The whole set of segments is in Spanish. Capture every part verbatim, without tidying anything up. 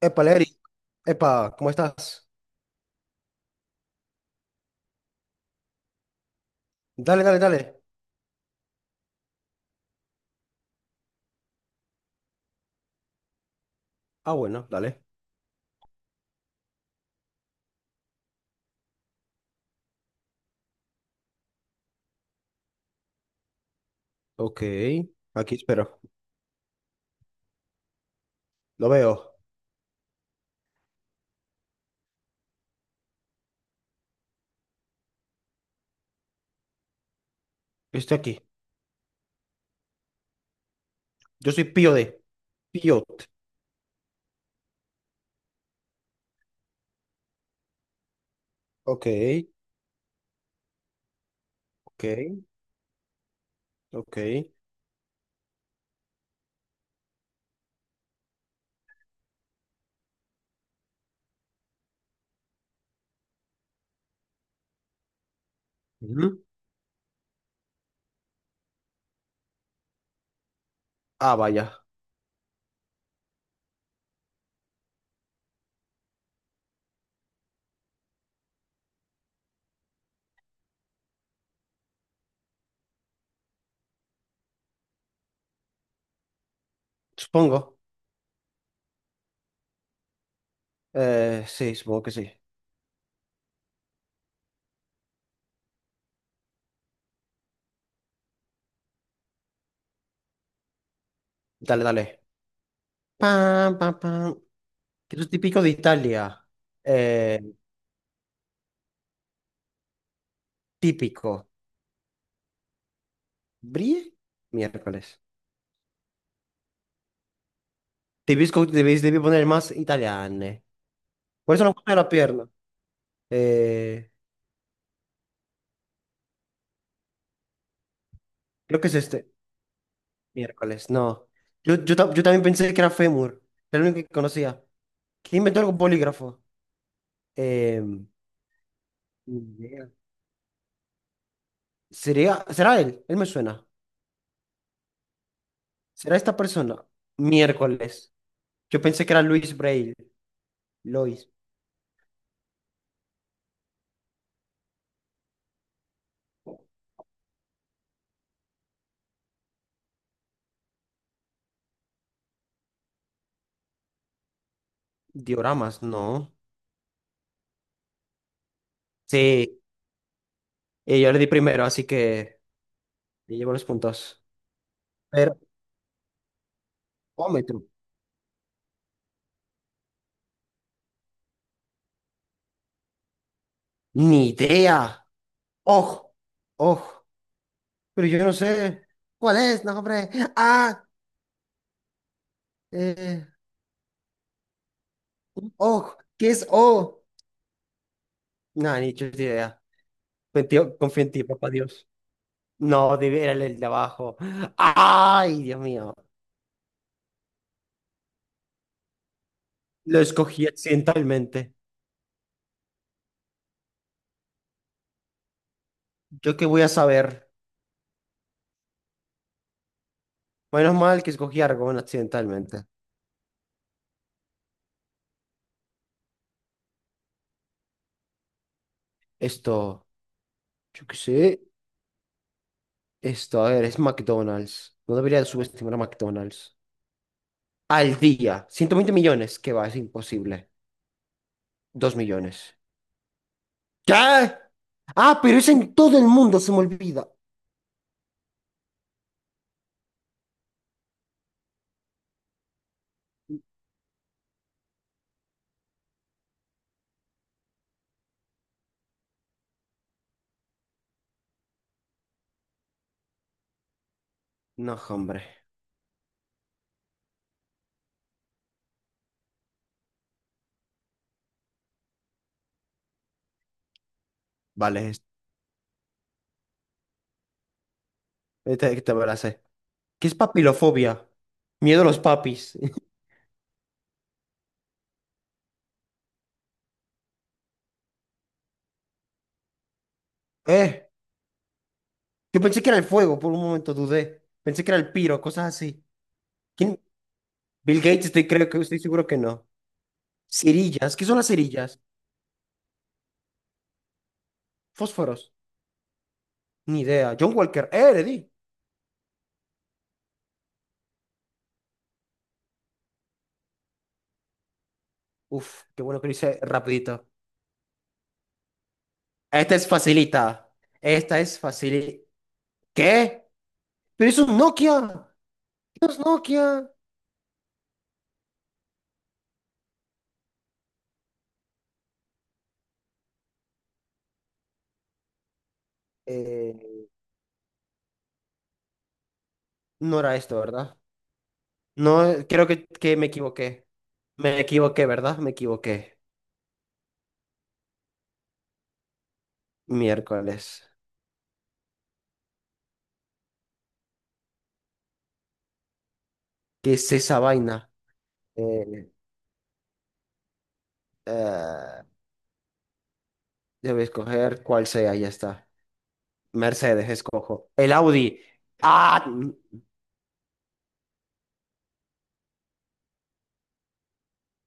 Epa, Lery. Epa, ¿cómo estás? Dale, dale, dale. Ah, bueno, dale. Ok, aquí espero. Lo veo. Estoy aquí. Yo soy Pío de Piot. Ok, ok, ok. Ujú. Ah, vaya. Supongo. Eh, sí, supongo que sí. Dale, dale. Pam, pam, pam. Eso es típico de Italia. Eh, típico. ¿Brie? Miércoles. Debéis, co- debéis- debí poner más italiane. Por eso no puse la pierna. Eh, Creo que es este miércoles, no. Yo, yo, ta- yo también pensé que era fémur, era el único que conocía. ¿Quién inventó el bolígrafo? Em, Ni idea. ¿Sería, será él? Él me suena. ¿Será esta persona? Miércoles. Yo pensé que era Luis Braille. Lois. Dioramas, no. Sí, eh, yo le di primero, así que le llevo los puntos. Pero, Ni idea. Ojo, ojo. Pero yo no sé. ¿Cuál es? No, hombre. Ah, eh, Oh, ¿qué es Oh? No, ni chuta idea. Confío, confío en ti, papá Dios. No, debe- Era el de abajo. Ay, Dios mío. Lo escogí accidentalmente. ¿Yo qué voy a saber? Menos mal que escogí Argón accidentalmente. Esto, yo qué sé. Esto, a ver, es McDonald's. No debería subestimar a McDonald's. Al día, ciento veinte millones. ¿Qué va? Es imposible. Dos millones. ¿Qué? Ah, pero es en todo el mundo, se me olvida. No, hombre. Vale, esta que me la sé. ¿Qué es papilofobia? Miedo a los papis. Eh, yo pensé que era el fuego, por un momento dudé. Pensé que era el piro, cosas así. ¿Quién? Bill Gates, estoy, creo que estoy seguro que no. Cerillas, ¿qué son las cerillas? Fósforos, ni idea. John Walker, eh, le di. Uf, qué bueno que lo hice rapidito. Esta es facilita. Esta es facilita. ¿Qué? Pero es un Nokia. ¿Qué es Nokia? Eh, ¿no era esto, verdad? No, eh, creo que, que me equivoqué. Me equivoqué, ¿verdad? Me equivoqué. Miércoles. ¿Qué es esa vaina? Eh, eh, Debo escoger cuál sea, ya está. Mercedes, escojo. El Audi. Ah,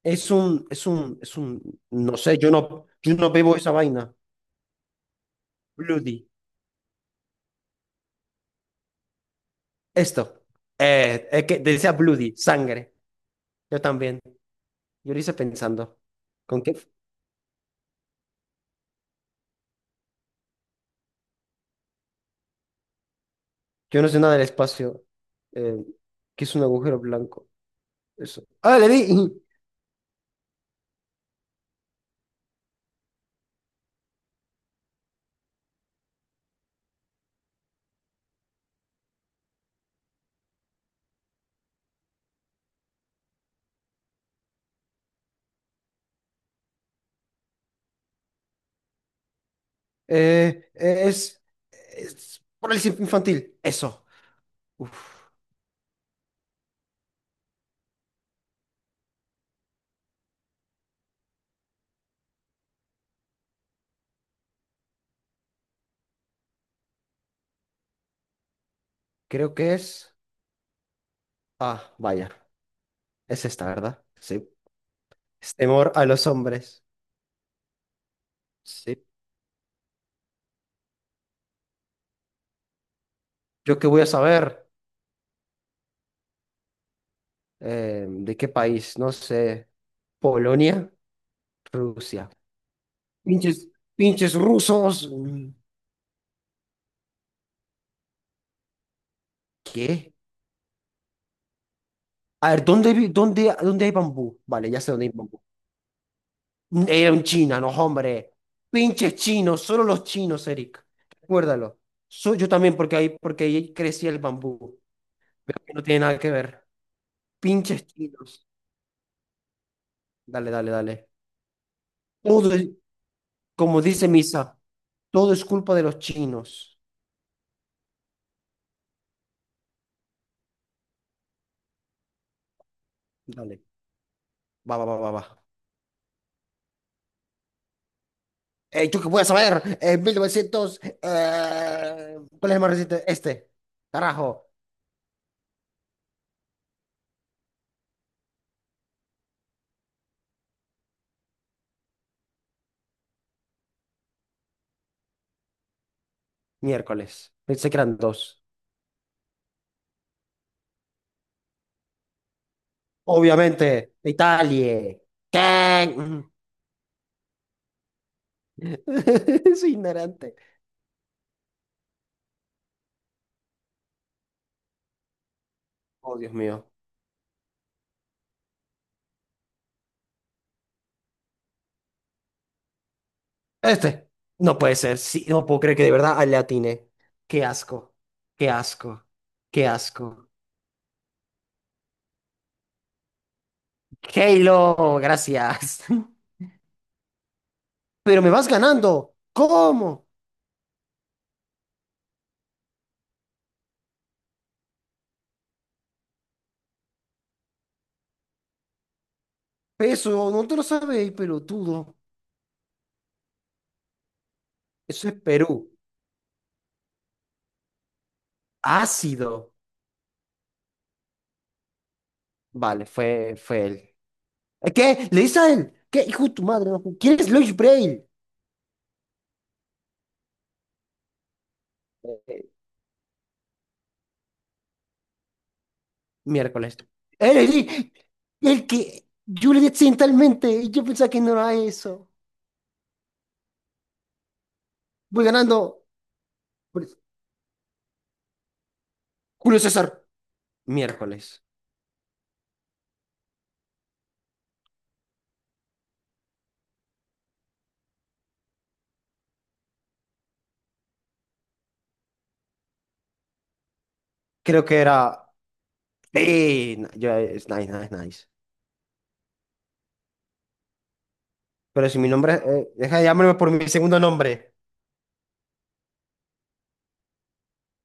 es un, es un, es un, no sé, yo no, yo no bebo esa vaina. Bloody. Esto. Eh, es que decía Bloody, sangre. Yo también. Yo lo hice pensando. ¿Con qué? Yo no sé nada del espacio. Eh, ¿qué es un agujero blanco? Eso. Ah, le di. Eh, es, es parálisis infantil. Eso. Uf, creo que es. Ah, vaya. Es esta, ¿verdad? Sí. Es temor a los hombres. Sí. ¿Yo qué voy a saber? Eh, ¿de qué país? No sé. Polonia, Rusia. Pinches, pinches rusos. Mm. ¿Qué? A ver, ¿dónde, vi- ¿dónde, dónde hay bambú? Vale, ya sé dónde hay bambú. Era un china, no, hombre. Pinches chinos, solo los chinos, Eric. Recuérdalo. So- yo también, porque ahí, porque ahí crecía el bambú. Pero que no tiene nada que ver. Pinches chinos. Dale, dale, dale. Todo es- Como dice Misa, todo es culpa de los chinos. Dale. Va, va, va, va, va. Eh, ¿yo qué voy a saber? En mil novecientos. Eh, ¿cuál es el más reciente? Este. Carajo. Miércoles. Pensé que eran dos. Obviamente, Italia. ¿Qué? Mm. Soy ignorante. Oh, Dios mío. Este. No puede ser. Sí, no puedo creer que de verdad le atiné. Qué asco. Qué asco. Qué asco. Halo, gracias. Pero me vas ganando. ¿Cómo? Eso no te lo sabéis, pelotudo. Eso es Perú. Ácido. Vale, fue, fue él. ¿Qué? ¿Le dices a él? ¿Qué? Hijo de tu madre. No. ¿Quién es Luis Braille? Miércoles. Era el, el que yo le di accidentalmente y yo pensaba que no era eso. Voy ganando. Julio César. Miércoles. Creo que era. Sí, no, yo- Es nice, nice, nice. Pero si mi nombre. Eh, deja de llamarme por mi segundo nombre.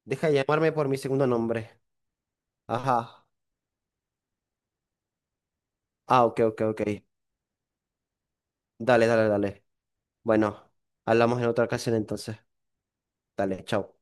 Deja de llamarme por mi segundo nombre. Ajá. Ah, ok, ok, ok. Dale, dale, dale. Bueno, hablamos en otra ocasión entonces. Dale, chao.